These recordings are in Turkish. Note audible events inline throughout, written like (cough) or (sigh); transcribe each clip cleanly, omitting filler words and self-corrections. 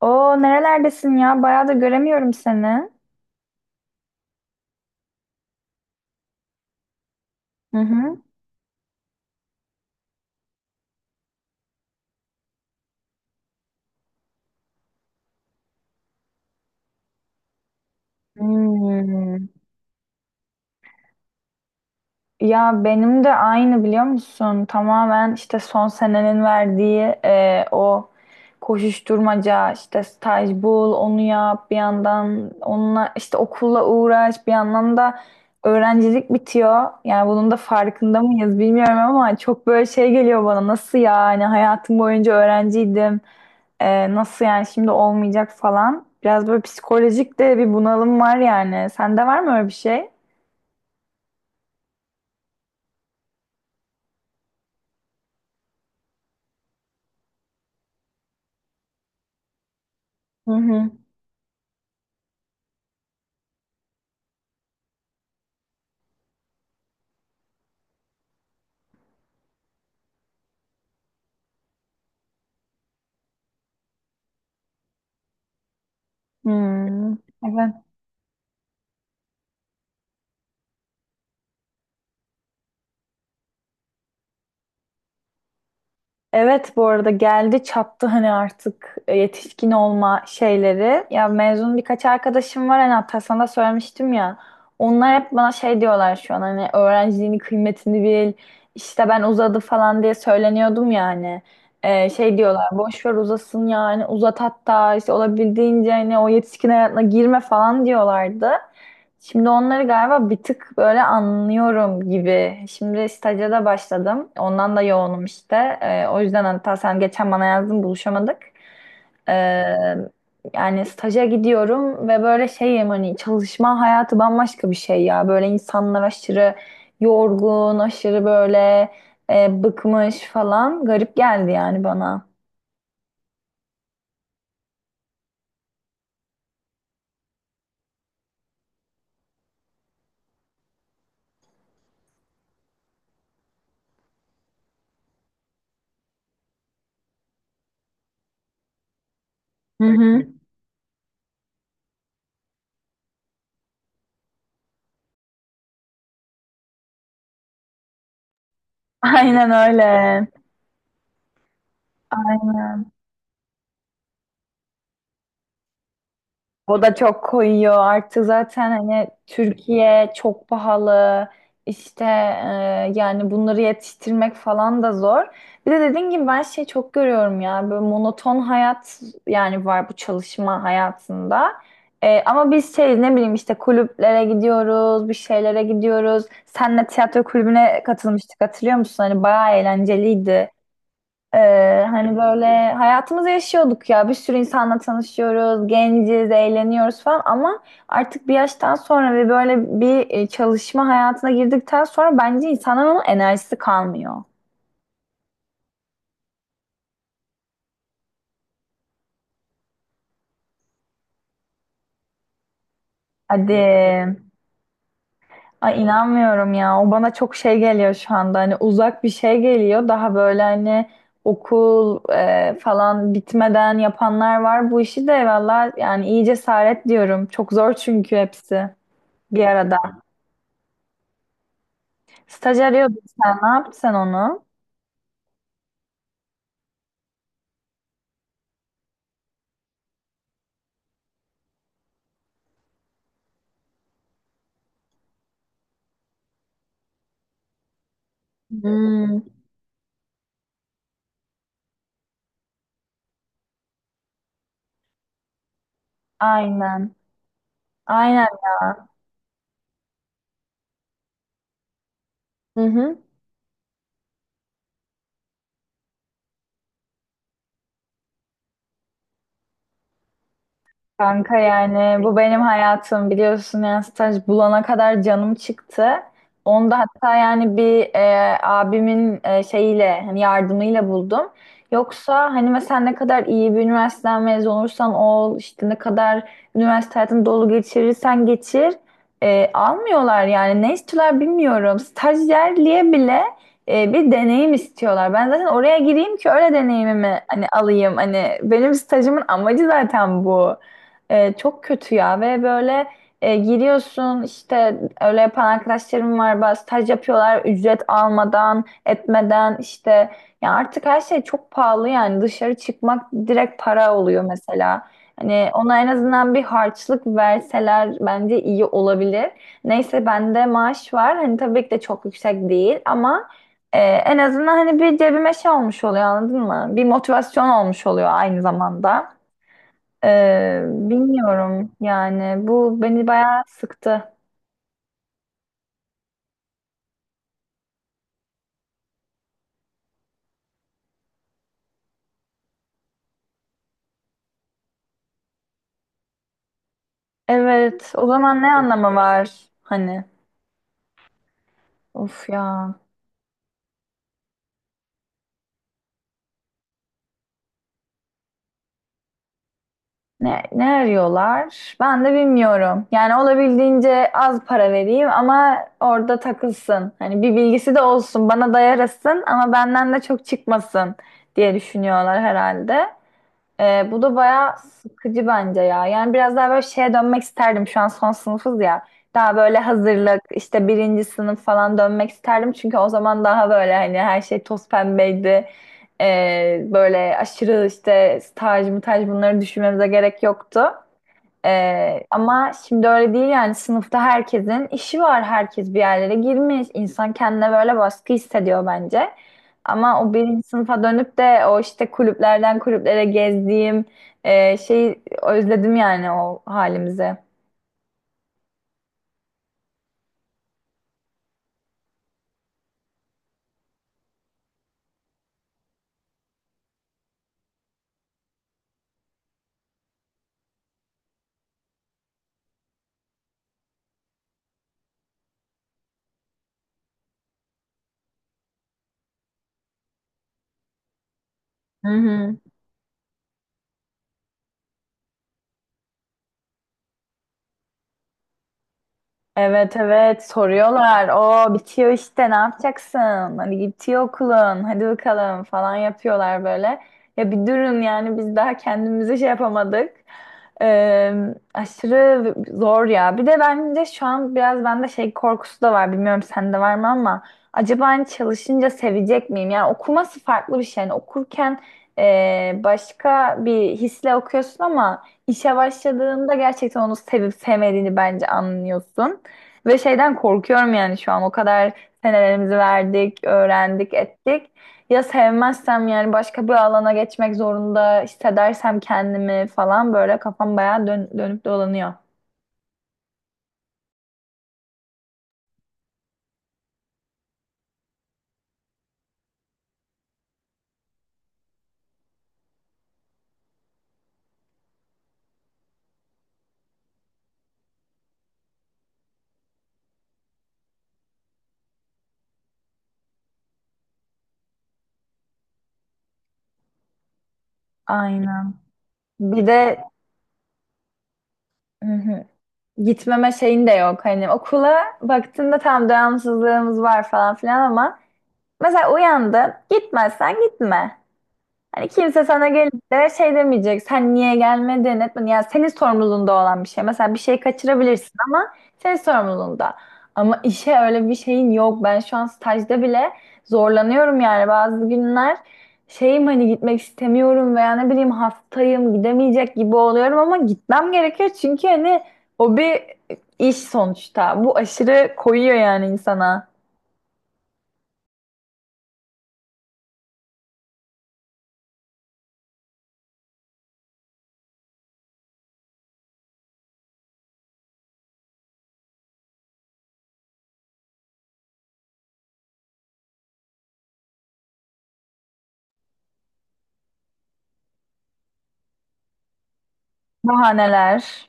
Oo, nerelerdesin ya? Bayağı da göremiyorum seni. Hı hı. Hmm. Ya benim de aynı, biliyor musun? Tamamen işte son senenin verdiği e, o koşuşturmaca, işte staj bul, onu yap, bir yandan onunla işte okulla uğraş, bir yandan da öğrencilik bitiyor. Yani bunun da farkında mıyız bilmiyorum ama çok böyle şey geliyor bana, nasıl yani hayatım boyunca öğrenciydim. Nasıl yani şimdi olmayacak falan. Biraz böyle psikolojik de bir bunalım var yani. Sende var mı öyle bir şey? Hı hı. Hmm. Evet, bu arada geldi çattı hani artık yetişkin olma şeyleri. Ya, mezun birkaç arkadaşım var hani, hatta sana da söylemiştim ya. Onlar hep bana şey diyorlar şu an, hani öğrenciliğini, kıymetini bil. İşte ben uzadı falan diye söyleniyordum yani. Şey diyorlar, boş ver uzasın yani, uzat hatta, işte olabildiğince hani o yetişkin hayatına girme falan diyorlardı. Şimdi onları galiba bir tık böyle anlıyorum gibi. Şimdi staja da başladım. Ondan da yoğunum işte. O yüzden hatta sen geçen bana yazdın, buluşamadık. Ee, Yani staja gidiyorum ve böyle şeyim, hani çalışma hayatı bambaşka bir şey ya. Böyle insanlar aşırı yorgun, aşırı böyle bıkmış falan. Garip geldi yani bana. Hı hı. (laughs) Aynen öyle. O da çok koyuyor. Artık zaten hani Türkiye çok pahalı. İşte yani bunları yetiştirmek falan da zor. Bir de dediğin gibi ben şey çok görüyorum ya. Böyle monoton hayat yani var bu çalışma hayatında. E, ama biz şey, ne bileyim, işte kulüplere gidiyoruz, bir şeylere gidiyoruz. Senle tiyatro kulübüne katılmıştık, hatırlıyor musun? Hani bayağı eğlenceliydi. Hani böyle hayatımızı yaşıyorduk ya. Bir sürü insanla tanışıyoruz, genciz, eğleniyoruz falan ama artık bir yaştan sonra ve böyle bir çalışma hayatına girdikten sonra bence insanın onun enerjisi kalmıyor. Hadi. Ay, inanmıyorum ya. O bana çok şey geliyor şu anda. Hani uzak bir şey geliyor. Daha böyle hani okul falan bitmeden yapanlar var. Bu işi de valla yani iyi cesaret diyorum. Çok zor çünkü hepsi bir arada. Staj arıyordun sen. Ne yaptın sen onu? Hmm. Aynen. Aynen. Ya. Hı hı. Kanka, yani bu benim hayatım biliyorsun, yani staj bulana kadar canım çıktı. Onda hatta yani bir abimin şeyiyle, hani yardımıyla buldum. Yoksa hani mesela ne kadar iyi bir üniversiteden mezun olursan ol, işte ne kadar üniversite hayatını dolu geçirirsen geçir, almıyorlar yani, ne istiyorlar bilmiyorum. Stajyerliğe bile bir deneyim istiyorlar. Ben zaten oraya gireyim ki öyle deneyimimi hani alayım. Hani benim stajımın amacı zaten bu. E, çok kötü ya, ve böyle giriyorsun işte, öyle yapan arkadaşlarım var, bazı staj yapıyorlar ücret almadan etmeden işte, ya artık her şey çok pahalı yani, dışarı çıkmak direkt para oluyor mesela. Hani ona en azından bir harçlık verseler bence iyi olabilir. Neyse, bende maaş var. Hani tabii ki de çok yüksek değil ama en azından hani bir cebime şey olmuş oluyor, anladın mı? Bir motivasyon olmuş oluyor aynı zamanda. Bilmiyorum yani, bu beni bayağı sıktı. Evet, o zaman ne anlamı var hani, of ya, ne, ne arıyorlar ben de bilmiyorum. Yani olabildiğince az para vereyim ama orada takılsın. Hani bir bilgisi de olsun, bana dayarasın, ama benden de çok çıkmasın diye düşünüyorlar herhalde. Bu da bayağı sıkıcı bence ya. Yani biraz daha böyle şeye dönmek isterdim. Şu an son sınıfız ya. Daha böyle hazırlık, işte birinci sınıf falan dönmek isterdim. Çünkü o zaman daha böyle hani her şey toz pembeydi. Böyle aşırı işte staj mı, bunları düşünmemize gerek yoktu. Ama şimdi öyle değil yani, sınıfta herkesin işi var. Herkes bir yerlere girmiş. İnsan kendine böyle baskı hissediyor bence. Ama o birinci sınıfa dönüp de o işte kulüplerden kulüplere gezdiğim şeyi özledim yani, o halimizi. Hı hı. Evet, evet, soruyorlar. O bitiyor işte, ne yapacaksın? Hani bitiyor okulun, hadi bakalım falan yapıyorlar böyle. Ya bir durun yani, biz daha kendimize şey yapamadık. Ee, Aşırı zor ya. Bir de bence şu an biraz bende şey korkusu da var. Bilmiyorum sende var mı ama acaba hani çalışınca sevecek miyim? Yani okuması farklı bir şey. Yani okurken başka bir hisle okuyorsun ama işe başladığında gerçekten onu sevip sevmediğini bence anlıyorsun. Ve şeyden korkuyorum yani, şu an o kadar senelerimizi verdik, öğrendik, ettik. Ya sevmezsem yani başka bir alana geçmek zorunda hissedersem kendimi falan, böyle kafam bayağı dönüp dolanıyor. Aynen. Bir de hı hı, gitmeme şeyin de yok. Hani okula baktığında tam devamsızlığımız var falan filan ama mesela uyandı, gitmezsen gitme. Hani kimse sana gelip de şey demeyecek, sen niye gelmedin etmedin. Yani senin sorumluluğunda olan bir şey. Mesela bir şey kaçırabilirsin ama senin sorumluluğunda. Ama işe öyle bir şeyin yok. Ben şu an stajda bile zorlanıyorum yani bazı günler. Şeyim, hani gitmek istemiyorum veya ne bileyim hastayım, gidemeyecek gibi oluyorum ama gitmem gerekiyor. Çünkü hani o bir iş sonuçta. Bu aşırı koyuyor yani insana. Bahaneler.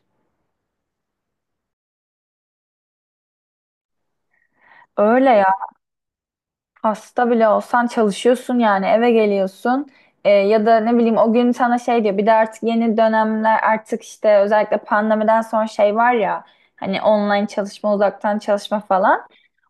Öyle. Hasta bile olsan çalışıyorsun yani, eve geliyorsun. Ya da ne bileyim o gün sana şey diyor, bir de artık yeni dönemler, artık işte özellikle pandemiden sonra şey var ya, hani online çalışma, uzaktan çalışma falan,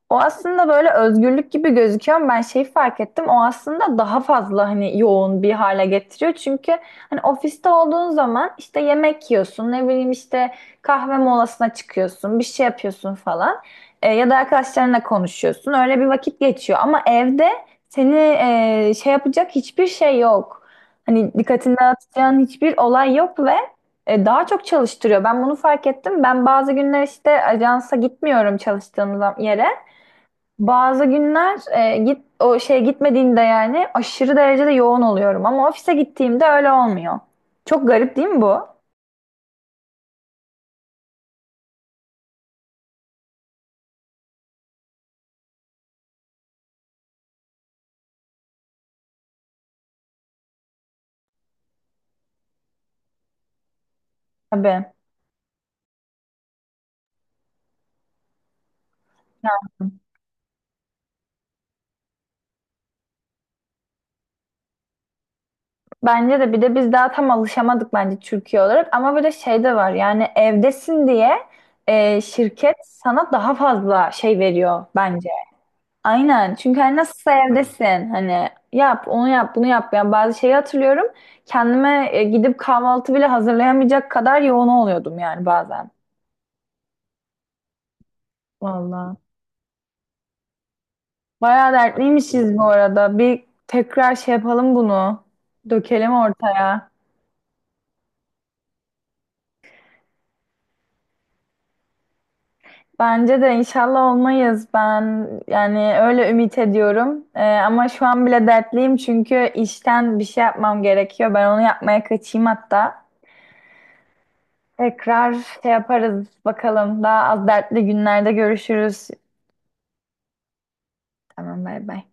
o aslında böyle özgürlük gibi gözüküyor ama ben şeyi fark ettim, o aslında daha fazla hani yoğun bir hale getiriyor çünkü hani ofiste olduğun zaman işte yemek yiyorsun, ne bileyim işte kahve molasına çıkıyorsun, bir şey yapıyorsun falan. E, ya da arkadaşlarınla konuşuyorsun. Öyle bir vakit geçiyor. Ama evde seni şey yapacak hiçbir şey yok. Hani dikkatini dağıtacağın hiçbir olay yok ve daha çok çalıştırıyor. Ben bunu fark ettim. Ben bazı günler işte ajansa gitmiyorum, çalıştığım yere. Bazı günler git, o şeye gitmediğimde yani aşırı derecede yoğun oluyorum. Ama ofise gittiğimde öyle olmuyor. Çok garip değil mi bu? Tabii. Bence de. Bir de biz daha tam alışamadık bence Türkiye olarak ama böyle şey de var, yani evdesin diye şirket sana daha fazla şey veriyor bence. Aynen, çünkü hani nasılsa evdesin, hani yap onu, yap bunu, yap. Yani bazı şeyi hatırlıyorum, kendime gidip kahvaltı bile hazırlayamayacak kadar yoğun oluyordum yani bazen. Vallahi bayağı dertliymişiz bu arada, bir tekrar şey yapalım, bunu dökelim ortaya. Bence de inşallah olmayız. Ben yani öyle ümit ediyorum. Ama şu an bile dertliyim çünkü işten bir şey yapmam gerekiyor. Ben onu yapmaya kaçayım hatta. Tekrar şey yaparız bakalım. Daha az dertli günlerde görüşürüz. Tamam, bay bay.